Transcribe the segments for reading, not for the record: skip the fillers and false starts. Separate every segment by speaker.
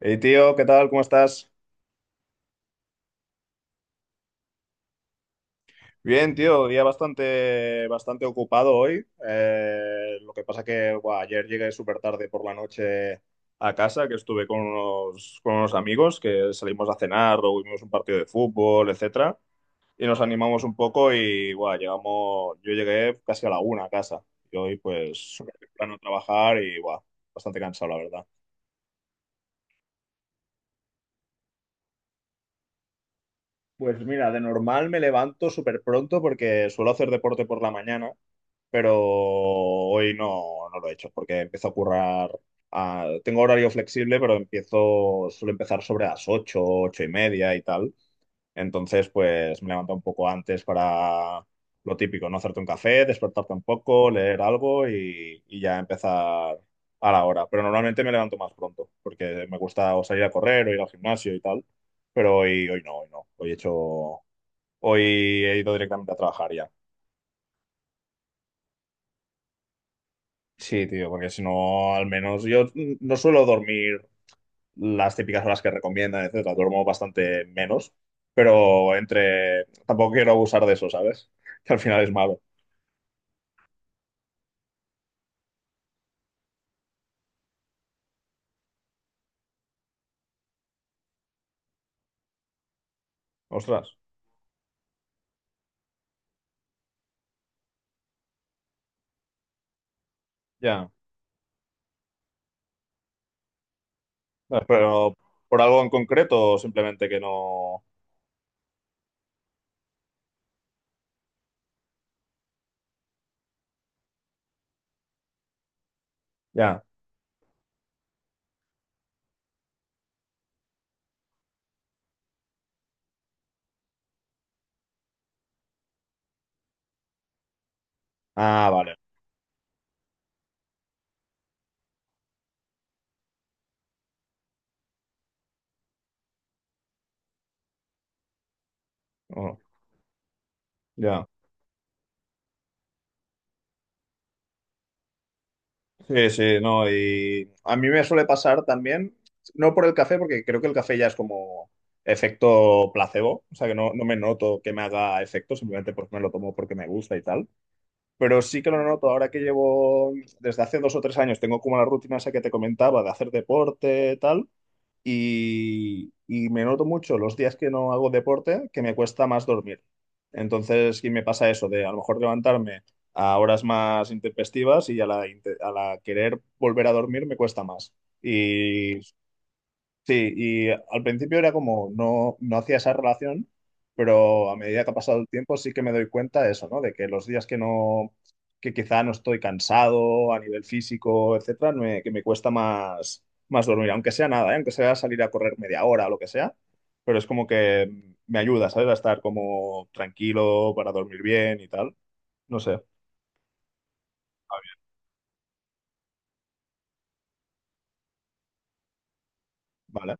Speaker 1: Hey tío, ¿qué tal? ¿Cómo estás? Bien, tío, día bastante ocupado hoy. Lo que pasa que buah, ayer llegué súper tarde por la noche a casa, que estuve con unos amigos, que salimos a cenar, luego vimos un partido de fútbol, etcétera, y nos animamos un poco y buah, llegamos, yo llegué casi a la una a casa. Y hoy pues súper temprano a trabajar y buah, bastante cansado, la verdad. Pues mira, de normal me levanto súper pronto porque suelo hacer deporte por la mañana, pero hoy no, no lo he hecho porque empiezo a currar. Tengo horario flexible, pero empiezo, suelo empezar sobre las 8, 8 y media y tal. Entonces, pues me levanto un poco antes para lo típico, no hacerte un café, despertarte un poco, leer algo y ya empezar a la hora. Pero normalmente me levanto más pronto, porque me gusta o salir a correr o ir al gimnasio y tal. Pero hoy, hoy no, hoy no. Hoy he ido directamente a trabajar ya. Sí, tío, porque si no, al menos yo no suelo dormir las típicas horas que recomiendan, etcétera. Duermo bastante menos, pero entre... Tampoco quiero abusar de eso, ¿sabes? Que al final es malo. Ostras, ya. Ah, pero ¿por algo en concreto o simplemente que no? Ya. Ah, vale. Ujú, ya. Sí, sí, no. Y a mí me suele pasar también, no por el café, porque creo que el café ya es como efecto placebo. O sea, que no, no me noto que me haga efecto, simplemente porque me lo tomo porque me gusta y tal. Pero sí que lo noto ahora que llevo, desde hace dos o tres años, tengo como la rutina esa que te comentaba de hacer deporte, tal, y me noto mucho los días que no hago deporte que me cuesta más dormir. Entonces, sí me pasa eso de a lo mejor levantarme a horas más intempestivas y a la, a la querer volver a dormir me cuesta más. Y sí, y al principio era como no, no hacía esa relación, pero a medida que ha pasado el tiempo sí que me doy cuenta de eso, ¿no? De que los días que no, que quizá no estoy cansado a nivel físico, etcétera, que me cuesta más dormir, aunque sea nada, ¿eh? Aunque sea salir a correr media hora o lo que sea, pero es como que me ayuda, ¿sabes? A estar como tranquilo para dormir bien y tal. No sé, vale.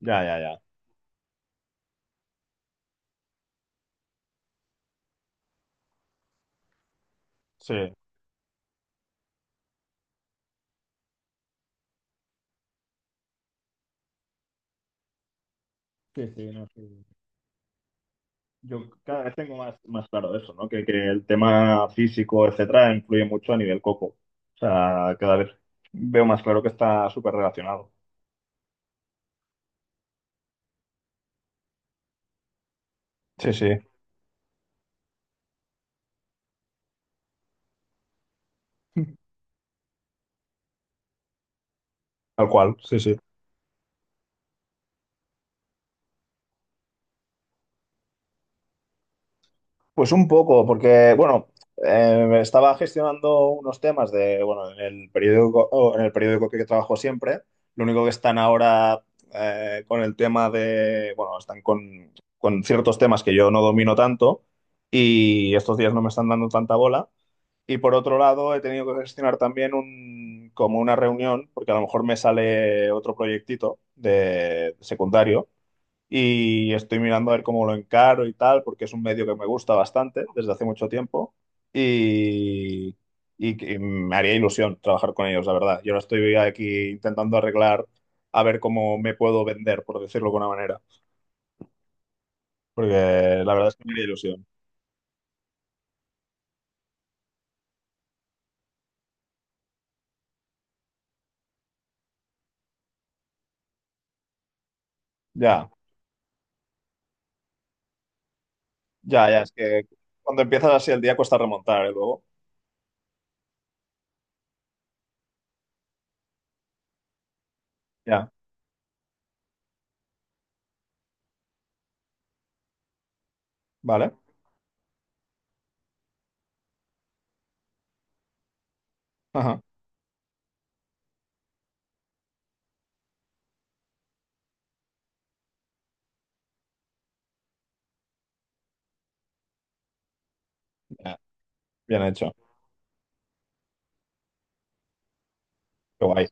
Speaker 1: Ya, ya, ya. Sí. Sí, sí, no, sí. Yo cada vez tengo más claro eso, ¿no? Que el tema físico, etcétera, influye mucho a nivel coco. O sea, cada vez veo más claro que está súper relacionado. Sí, sí, tal cual, sí, sí. Pues un poco, porque, bueno, estaba gestionando unos temas de, bueno, en el periódico, o en el periódico que trabajo siempre, lo único que están ahora con el tema de, bueno, están con ciertos temas que yo no domino tanto y estos días no me están dando tanta bola. Y por otro lado, he tenido que gestionar también un, como una reunión, porque a lo mejor me sale otro proyectito de secundario y estoy mirando a ver cómo lo encaro y tal, porque es un medio que me gusta bastante desde hace mucho tiempo y, y que me haría ilusión trabajar con ellos, la verdad. Y ahora estoy aquí intentando arreglar a ver cómo me puedo vender, por decirlo de alguna manera, porque la verdad es que me haría ilusión. Ya, ya, ya, es que cuando empiezas así el día cuesta remontar, ¿eh? Luego, ya, ¿vale? Ajá, ya, bien hecho, qué guay.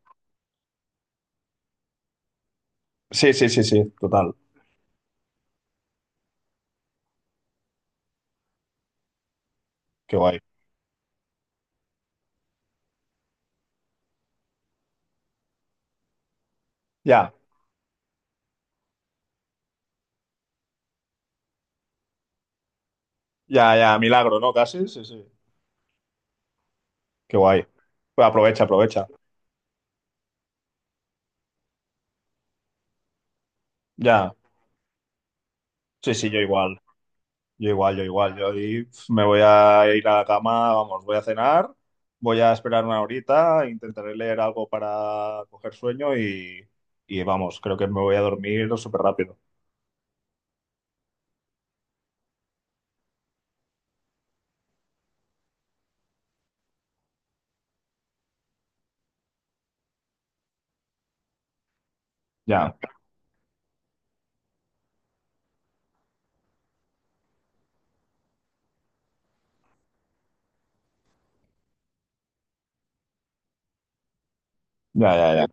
Speaker 1: Sí, sí, sí, sí, total, qué guay. Ya, ya, ya, milagro, ¿no? Casi, sí, sí, qué guay. Pues aprovecha, aprovecha. Ya, sí, sí, yo igual, yo igual, yo igual. Yo ahí, pf, me voy a ir a la cama, vamos, voy a cenar, voy a esperar una horita, intentaré leer algo para coger sueño y vamos, creo que me voy a dormir súper rápido. Ya, ya, ya, ya,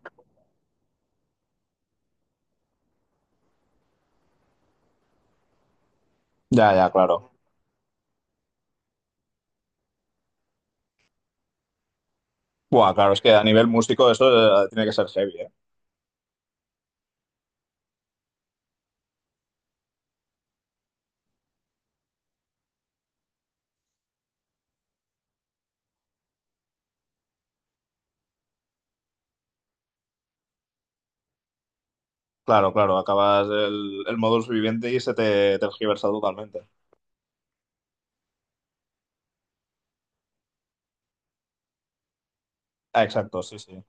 Speaker 1: ya, ya, claro. Buah, claro, es que a nivel músico eso tiene que ser heavy, eh. Claro, claro, acabas el módulo viviente y se te tergiversa totalmente. Ah, exacto, sí, sí.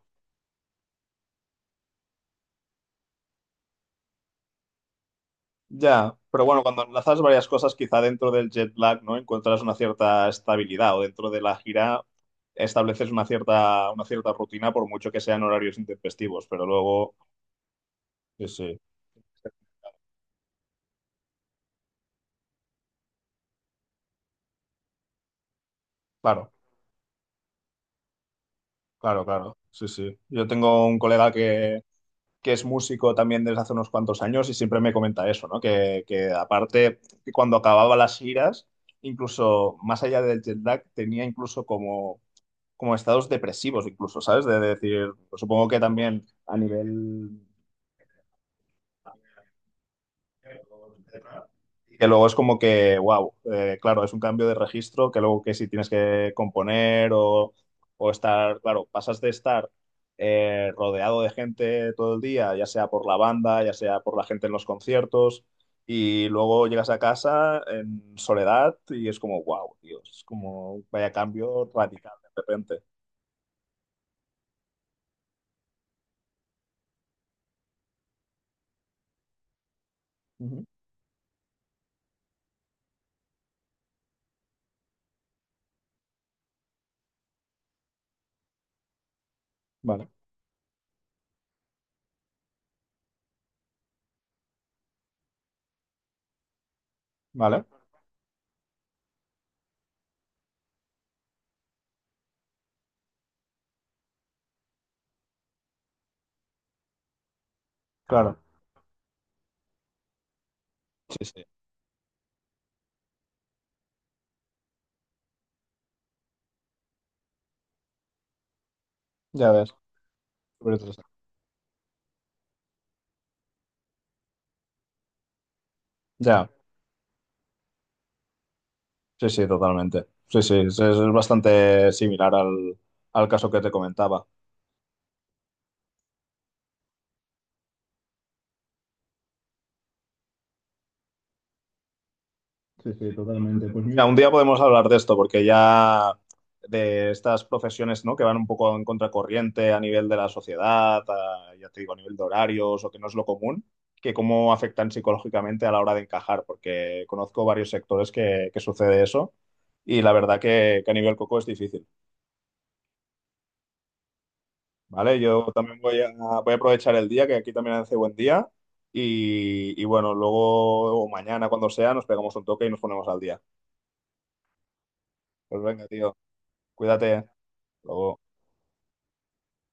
Speaker 1: Ya, pero bueno, cuando enlazas varias cosas, quizá dentro del jet lag, ¿no? Encuentras una cierta estabilidad o dentro de la gira estableces una cierta rutina, por mucho que sean horarios intempestivos, pero luego, sí, sí. Claro, claro, claro. Sí, sí. Yo tengo un colega que es músico también desde hace unos cuantos años y siempre me comenta eso, ¿no? Que aparte, que cuando acababa las giras, incluso más allá del jet lag, tenía incluso como, como estados depresivos, incluso, ¿sabes? De decir, pues supongo que también a nivel que luego es como que, wow, claro, es un cambio de registro que luego que si tienes que componer o estar, claro, pasas de estar rodeado de gente todo el día, ya sea por la banda, ya sea por la gente en los conciertos, y luego llegas a casa en soledad y es como, wow, Dios, es como vaya cambio radical de repente. Ujú, vale, vale, claro, sí, sí, ya ves, súper interesante. Ya. Sí, sí, totalmente. Sí, sí, es bastante similar al, al caso que te comentaba. Sí, sí, totalmente. Pues mira, mira, un día podemos hablar de esto, porque ya de estas profesiones, ¿no? Que van un poco en contracorriente a nivel de la sociedad, ya te digo, a nivel de horarios o que no es lo común, que cómo afectan psicológicamente a la hora de encajar, porque conozco varios sectores que sucede eso y la verdad que a nivel coco es difícil. Vale, yo también voy a aprovechar el día, que aquí también hace buen día. Y bueno, luego o mañana, cuando sea, nos pegamos un toque y nos ponemos al día. Pues venga, tío, cuídate. Hasta luego.